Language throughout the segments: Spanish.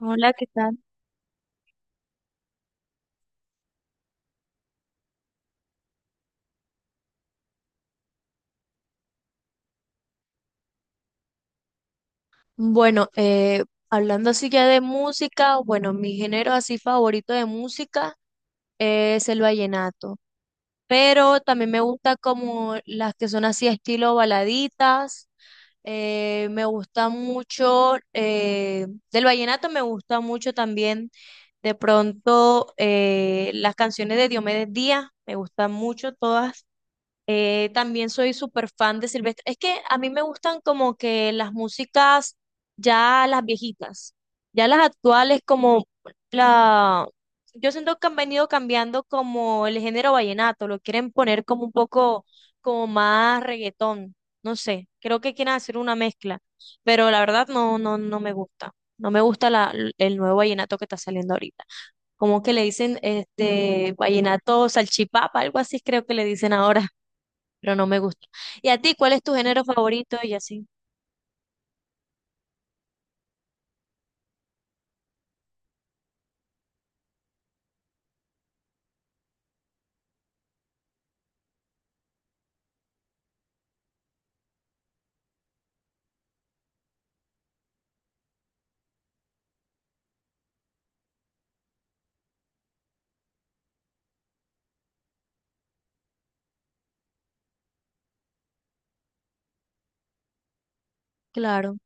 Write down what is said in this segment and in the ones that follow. Hola, ¿qué tal? Bueno, hablando así ya de música, bueno, mi género así favorito de música es el vallenato, pero también me gusta como las que son así estilo baladitas, me gusta mucho, del vallenato me gusta mucho también de pronto las canciones de Diomedes Díaz, me gustan mucho todas. También soy súper fan de Silvestre. Es que a mí me gustan como que las músicas, ya las viejitas, ya las actuales como la... Yo siento que han venido cambiando como el género vallenato, lo quieren poner como un poco como más reggaetón, no sé, creo que quieren hacer una mezcla, pero la verdad no, no, no me gusta. No me gusta el nuevo vallenato que está saliendo ahorita. Como que le dicen este vallenato salchipapa, algo así creo que le dicen ahora, pero no me gusta. ¿Y a ti cuál es tu género favorito? Y así, claro,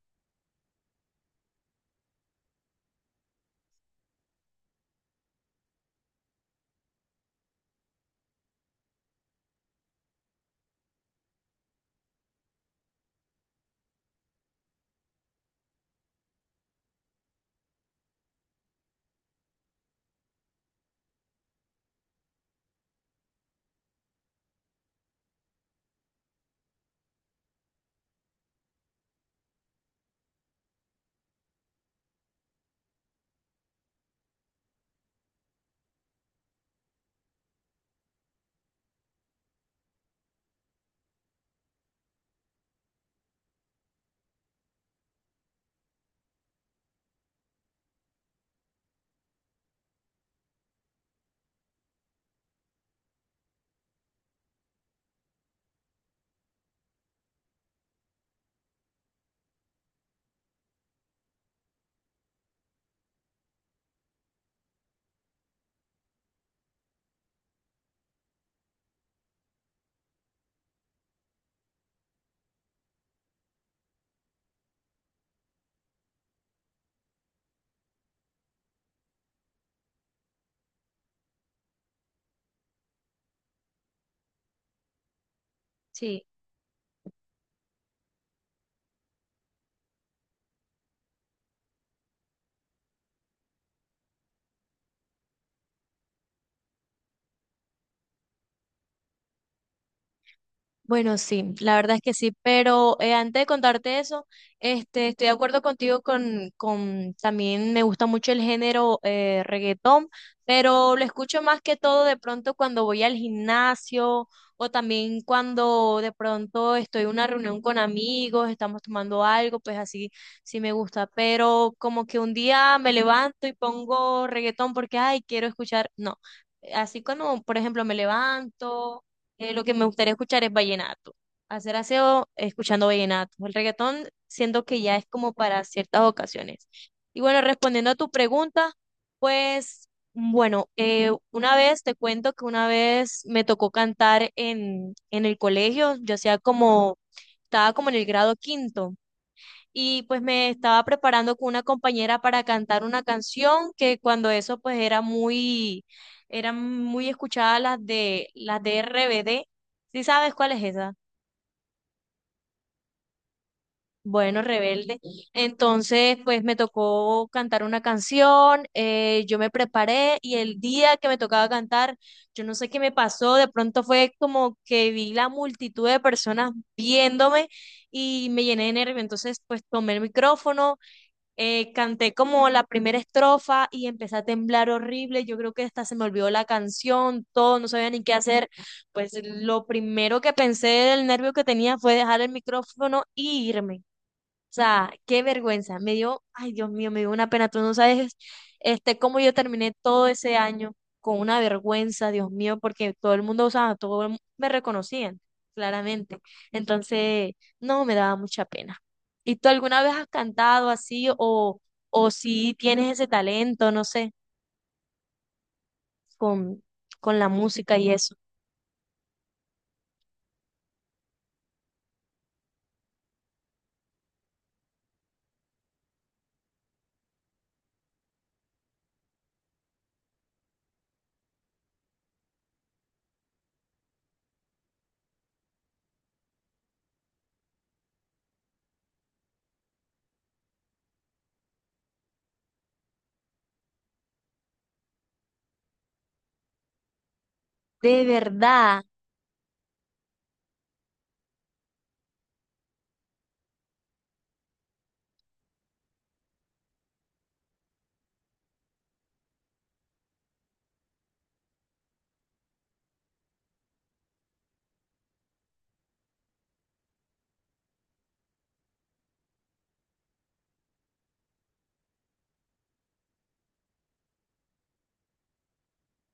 sí. Bueno, sí, la verdad es que sí, pero antes de contarte eso, estoy de acuerdo contigo con también me gusta mucho el género reggaetón, pero lo escucho más que todo de pronto cuando voy al gimnasio o también cuando de pronto estoy en una reunión con amigos, estamos tomando algo, pues así sí me gusta, pero como que un día me levanto y pongo reggaetón porque, ay, quiero escuchar, no, así cuando, por ejemplo, me levanto, lo que me gustaría escuchar es vallenato. Hacer aseo escuchando vallenato. El reggaetón siento que ya es como para ciertas ocasiones. Y bueno, respondiendo a tu pregunta, pues bueno, una vez te cuento que una vez me tocó cantar en el colegio, yo hacía como, estaba como en el grado quinto y pues me estaba preparando con una compañera para cantar una canción que cuando eso pues era muy, eran muy escuchadas las de RBD. ¿Sí sabes cuál es esa? Bueno, Rebelde. Entonces, pues me tocó cantar una canción, yo me preparé y el día que me tocaba cantar, yo no sé qué me pasó, de pronto fue como que vi la multitud de personas viéndome y me llené de nervio. Entonces, pues tomé el micrófono. Canté como la primera estrofa y empecé a temblar horrible. Yo creo que hasta se me olvidó la canción, todo, no sabía ni qué hacer. Pues lo primero que pensé del nervio que tenía fue dejar el micrófono e irme. O sea, qué vergüenza. Me dio, ay Dios mío, me dio una pena. Tú no sabes, cómo yo terminé todo ese año con una vergüenza, Dios mío, porque todo el mundo, o sea, me reconocían, claramente. Entonces, no, me daba mucha pena. ¿Y tú alguna vez has cantado así o si tienes ese talento, no sé, con, con la música y eso? De verdad.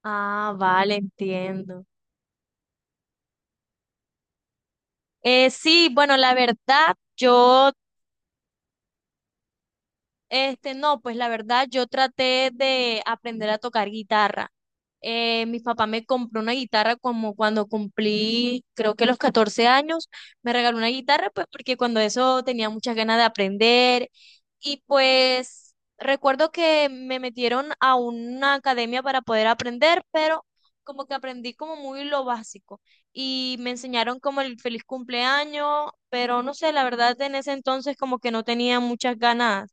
Ah, vale, entiendo. Sí, bueno, la verdad, yo. No, pues la verdad, yo traté de aprender a tocar guitarra. Mi papá me compró una guitarra como cuando cumplí, creo que los 14 años, me regaló una guitarra, pues porque cuando eso tenía muchas ganas de aprender. Y pues recuerdo que me metieron a una academia para poder aprender, pero como que aprendí como muy lo básico. Y me enseñaron como el feliz cumpleaños, pero no sé, la verdad en ese entonces como que no tenía muchas ganas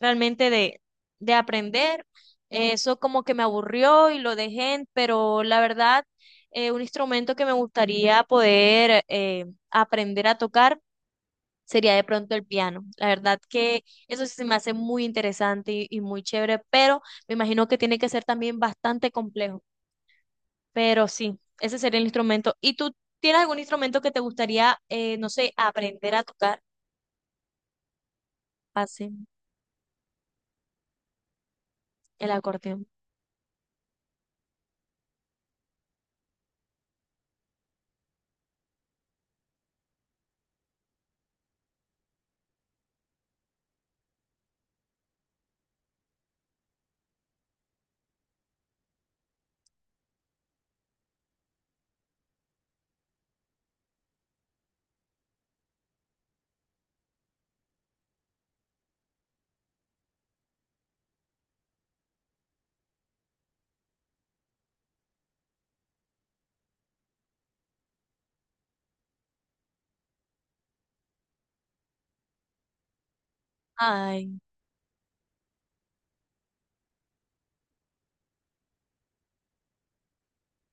realmente de aprender. Eso como que me aburrió y lo dejé, pero la verdad, un instrumento que me gustaría poder aprender a tocar sería de pronto el piano. La verdad que eso sí se me hace muy interesante y muy chévere, pero me imagino que tiene que ser también bastante complejo. Pero sí, ese sería el instrumento. ¿Y tú tienes algún instrumento que te gustaría, no sé, aprender a tocar? Así, el acordeón. Ay.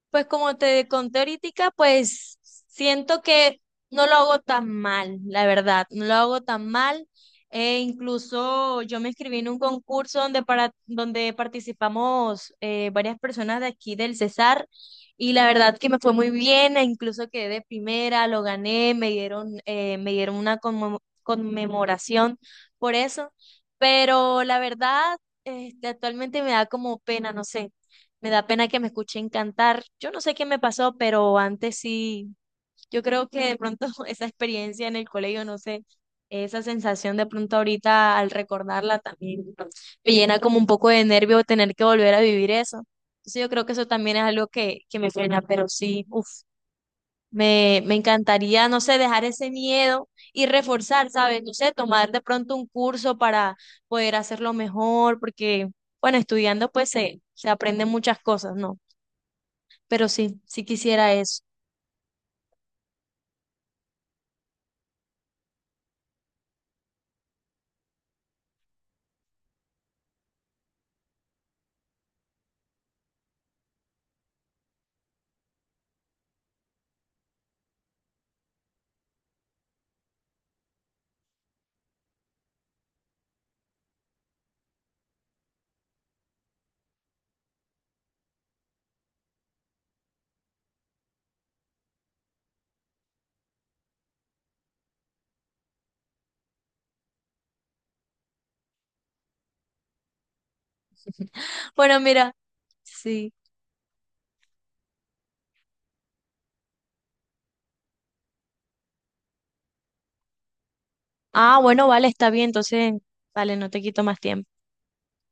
Pues como te conté ahorita, pues siento que no lo hago tan mal, la verdad, no lo hago tan mal. Incluso yo me inscribí en un concurso donde, donde participamos varias personas de aquí del Cesar y la verdad que me fue muy bien, e incluso quedé de primera, lo gané, me dieron una conmemoración por eso, pero la verdad, actualmente me da como pena, no sé. Me da pena que me escuchen cantar. Yo no sé qué me pasó, pero antes sí, yo creo que de pronto esa experiencia en el colegio, no sé, esa sensación de pronto ahorita al recordarla también, ¿no? Me llena como un poco de nervio tener que volver a vivir eso. Entonces yo creo que eso también es algo que me pena, pero sí, uff, me encantaría, no sé, dejar ese miedo y reforzar, ¿sabes? No sé, tomar de pronto un curso para poder hacerlo mejor, porque, bueno, estudiando pues se aprenden muchas cosas, ¿no? Pero sí, sí quisiera eso. Bueno, mira, sí. Ah, bueno, vale, está bien. Entonces, vale, no te quito más tiempo.